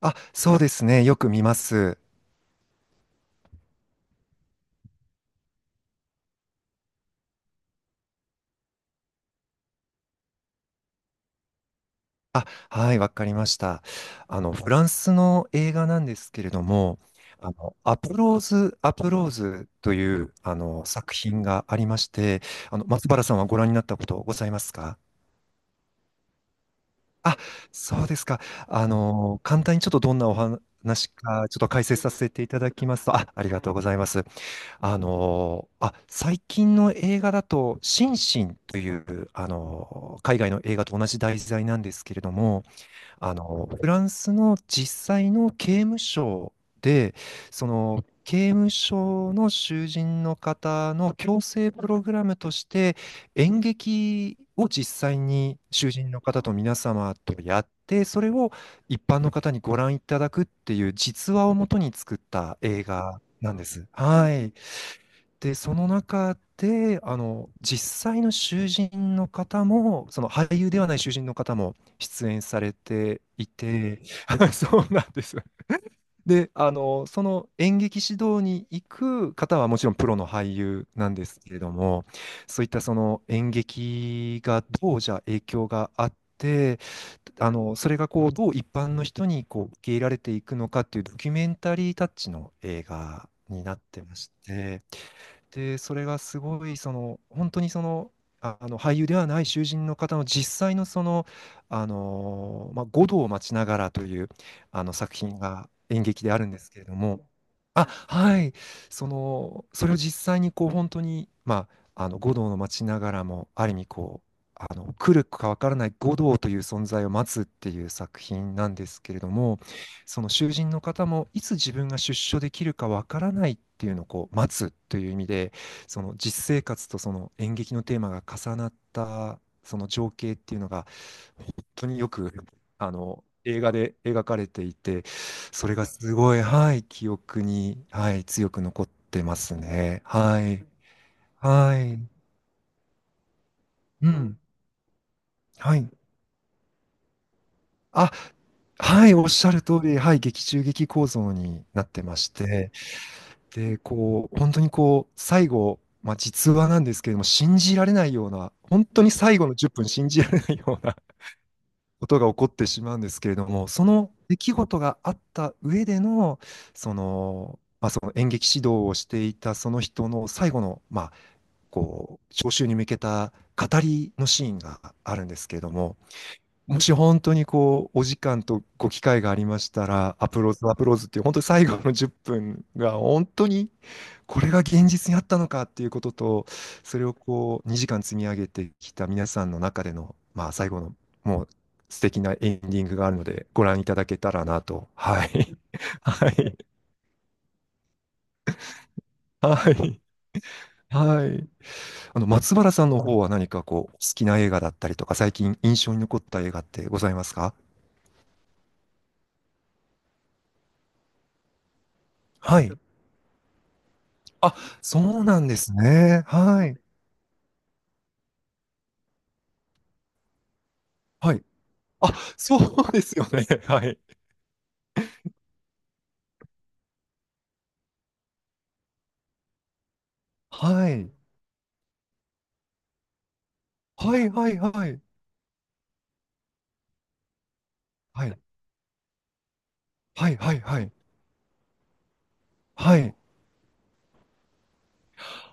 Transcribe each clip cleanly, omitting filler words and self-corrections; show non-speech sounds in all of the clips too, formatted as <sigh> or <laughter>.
あ、そうですね。よく見ます。あ、はい、わかりました。フランスの映画なんですけれども、アプローズ・アプローズという、作品がありまして、松原さんはご覧になったことございますか？あ、そうですか。簡単にちょっとどんなお話か、ちょっと解説させていただきますと、あ、ありがとうございます。最近の映画だと、シンシンという、海外の映画と同じ題材なんですけれども、フランスの実際の刑務所で、その、刑務所の囚人の方の矯正プログラムとして、演劇を実際に囚人の方と皆様とやって、それを一般の方にご覧いただくっていう実話をもとに作った映画なんです。はい。で、その中で、実際の囚人の方も、その俳優ではない囚人の方も出演されていて、<laughs> そうなんです。で、その演劇指導に行く方はもちろんプロの俳優なんですけれども、そういったその演劇がどうじゃあ影響があって、それがこう、どう一般の人にこう受け入れられていくのかっていうドキュメンタリータッチの映画になってまして、で、それがすごい、その、本当にその、あの俳優ではない囚人の方の実際のその、五道を待ちながらという作品が演劇であるんですけれども、あ、はい、その、それを実際にこう本当に、まあ、五道の待ちながらも、ある意味こう、来るかわからない五道という存在を待つっていう作品なんですけれども、その囚人の方もいつ自分が出所できるかわからないっていうのをこう待つという意味でその実生活とその演劇のテーマが重なったその情景っていうのが本当によく映画で描かれていてそれがすごい、はい、記憶に、はい、強く残ってますね。はい。はい。うん。はい。あ、はい、おっしゃる通り、はい、劇中劇構造になってまして、で、こう、本当にこう、最後、まあ、実話なんですけれども、信じられないような、本当に最後の10分信じられないような <laughs> ことが起こってしまうんですけれども、その出来事があった上での、その、まあ、その演劇指導をしていたその人の最後の、まあ、こう、招集に向けた語りのシーンがあるんですけれども、もし本当にこう、お時間とご機会がありましたら、アプローズ、アプローズっていう、本当に最後の10分が、本当にこれが現実にあったのかっていうことと、それをこう、2時間積み上げてきた皆さんの中での、まあ、最後の、もう素敵なエンディングがあるので、ご覧いただけたらなと。はい。<laughs> はい。はい。はい。松原さんの方は何かこう、好きな映画だったりとか、最近印象に残った映画ってございますか？はい。あ、そうなんですね。はい。はい。あ、そうですよね。<laughs> はい。はい。はいはいはい。はい。はいはいはい。はい。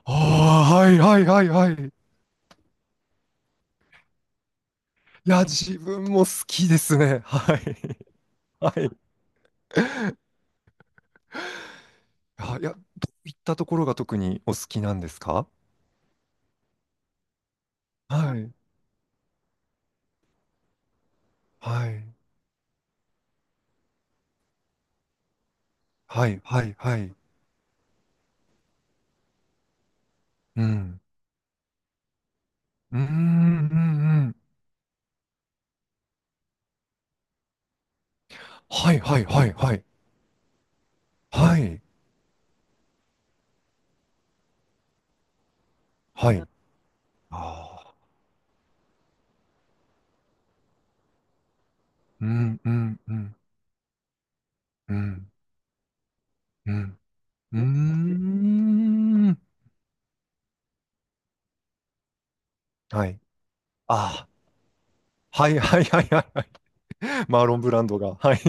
ああ、はいはいはいはい。いや、自分も好きですね。はい。<laughs> はい。あ、いや、どういったところが特にお好きなんですか？はい。はい。はいはいはい。うん。うーん、うんうん。はいはいはいはい。はい。はい。ああ。うんうんうん。うん。うん。うーん。はい。ああ、はいはいはいはいはい。<laughs> マーロンブランドが。はい。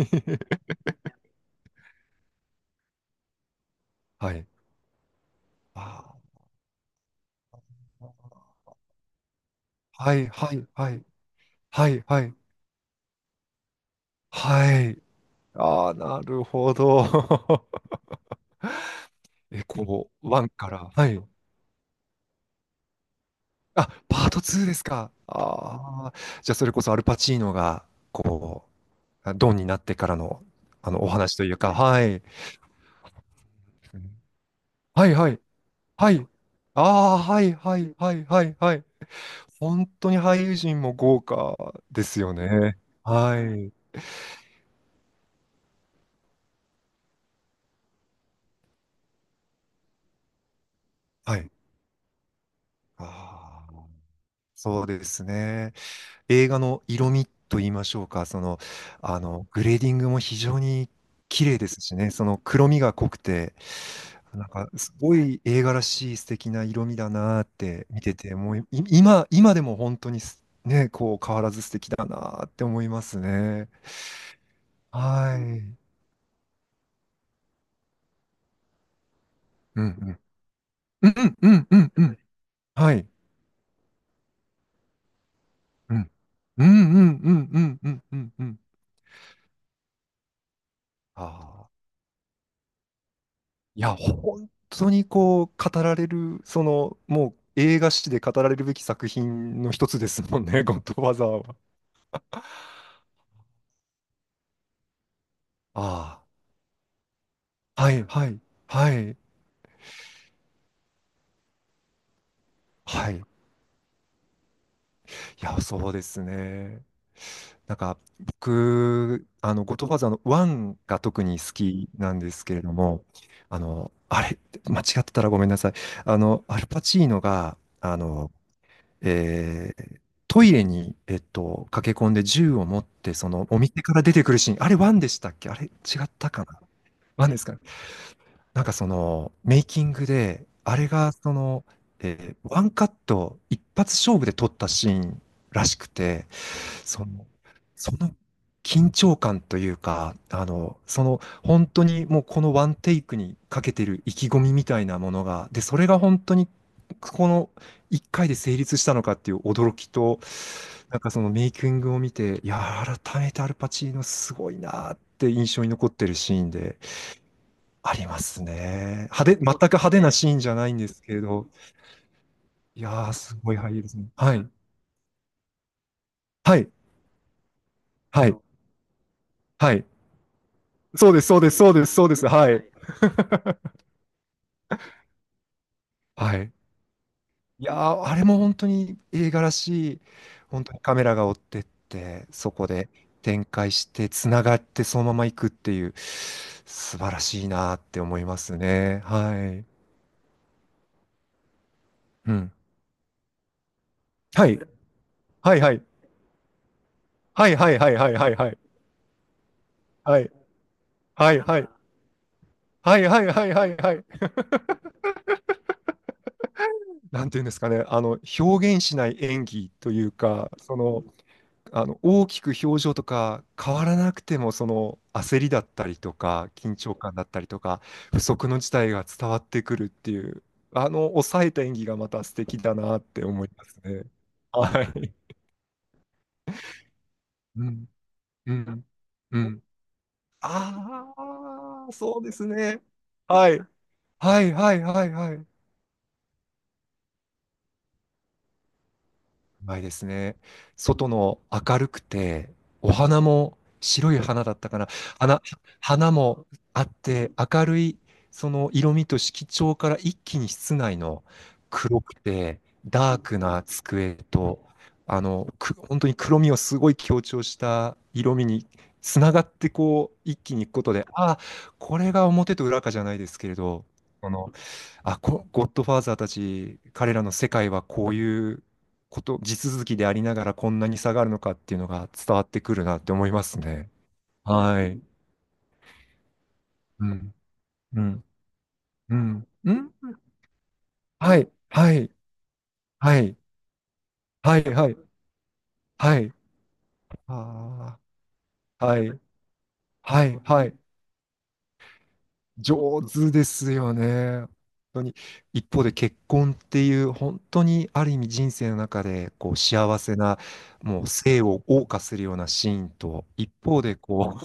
<laughs> はい。ああ、はいはいはい。はいはい。はい。ああ、なるほど。<laughs> エコー1から。はい。あ、パート2ですか。ああ、じゃあそれこそアルパチーノが、こう、ドンになってからの、お話というか、はい。はいはい。はい。ああ、はいはいはいはいはい。本当に俳優陣も豪華ですよね。はい。はい。ああ、そうですね。映画の色味と言いましょうか、その、グレーディングも非常に綺麗ですしね、その黒みが濃くて、なんか、すごい映画らしい素敵な色味だなーって見てて、もうい今、今でも本当にすね、こう変わらず素敵だなーって思いますね。はい。うんうん。うんうんうんうんうん。はい。うん。うんうんうんうんうんうんうん。ああ、いや、本当にこう、語られる、その、もう映画史で語られるべき作品の一つですもんね、<laughs> ゴッドファザーは。ああ、はい、はい、はい、はい。いや、そうですね。なんか、僕、ゴッドファザーの1が特に好きなんですけれども、あの、あれ、間違ってたらごめんなさい。アルパチーノが、えートイレに、駆け込んで銃を持って、そのお店から出てくるシーン、あれワンでしたっけあれ違ったかなワンですかね、なんかそのメイキングで、あれがその、ワンカット一発勝負で撮ったシーンらしくて、その、その緊張感というか、その本当にもうこのワンテイクにかけてる意気込みみたいなものが、で、それが本当にこの1回で成立したのかっていう驚きと、なんかそのメイキングを見て、いや、改めてアルパチーノすごいなって印象に残ってるシーンでありますね。全く派手なシーンじゃないんですけれど、いやー、すごい俳優ですね。はい。はい。はい。はい。そうです、そうです、そうです、そうです。はい。はい。いやー、あれも本当に映画らしい、本当にカメラが追ってって、そこで展開して、つながってそのまま行くっていう、素晴らしいなーって思いますね。はい。うん。はい。はいはい。はいはいはいはいはいはい。はい。はいはい。はいはいはいはいはい。なんていうんですかね。表現しない演技というか、その、大きく表情とか変わらなくてもその焦りだったりとか緊張感だったりとか不測の事態が伝わってくるっていう抑えた演技がまた素敵だなって思いますね。はい。うん。うん。うん。ああ、そうですね。はい。はいはいはいはい。ないですね。外の明るくて、お花も白い花だったかな。花、花もあって、明るいその色味と色調から一気に室内の黒くて、ダークな机と、本当に黒みをすごい強調した色味につながってこう、一気にいくことで、ああ、これが表と裏かじゃないですけれど、この、ゴッドファーザーたち、彼らの世界はこういうこと地続きでありながらこんなに下がるのかっていうのが伝わってくるなって思いますね。はい。うん。うん。うん。うん。はい。はい。はい。はい。はい。はい。ああ。はい。はい。はい。上手ですよね。本当に。一方で結婚っていう本当にある意味人生の中でこう幸せなもう生を謳歌するようなシーンと一方でこ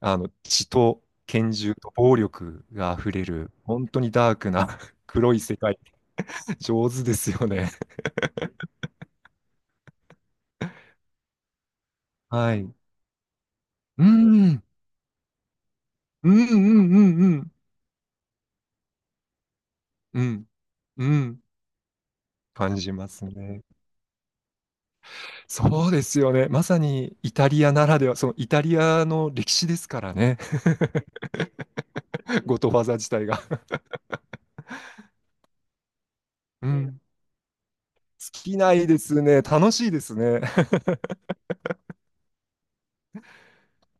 あの、血と拳銃と暴力が溢れる、本当にダークな <laughs> 黒い世界、上手ですよね。はい。うん、うん、うん、うん、うん、うん、感じますね。そうですよね。まさにイタリアならでは、そのイタリアの歴史ですからね。<laughs> ゴトファーザー自体が。うん。尽きないですね。楽しいですね。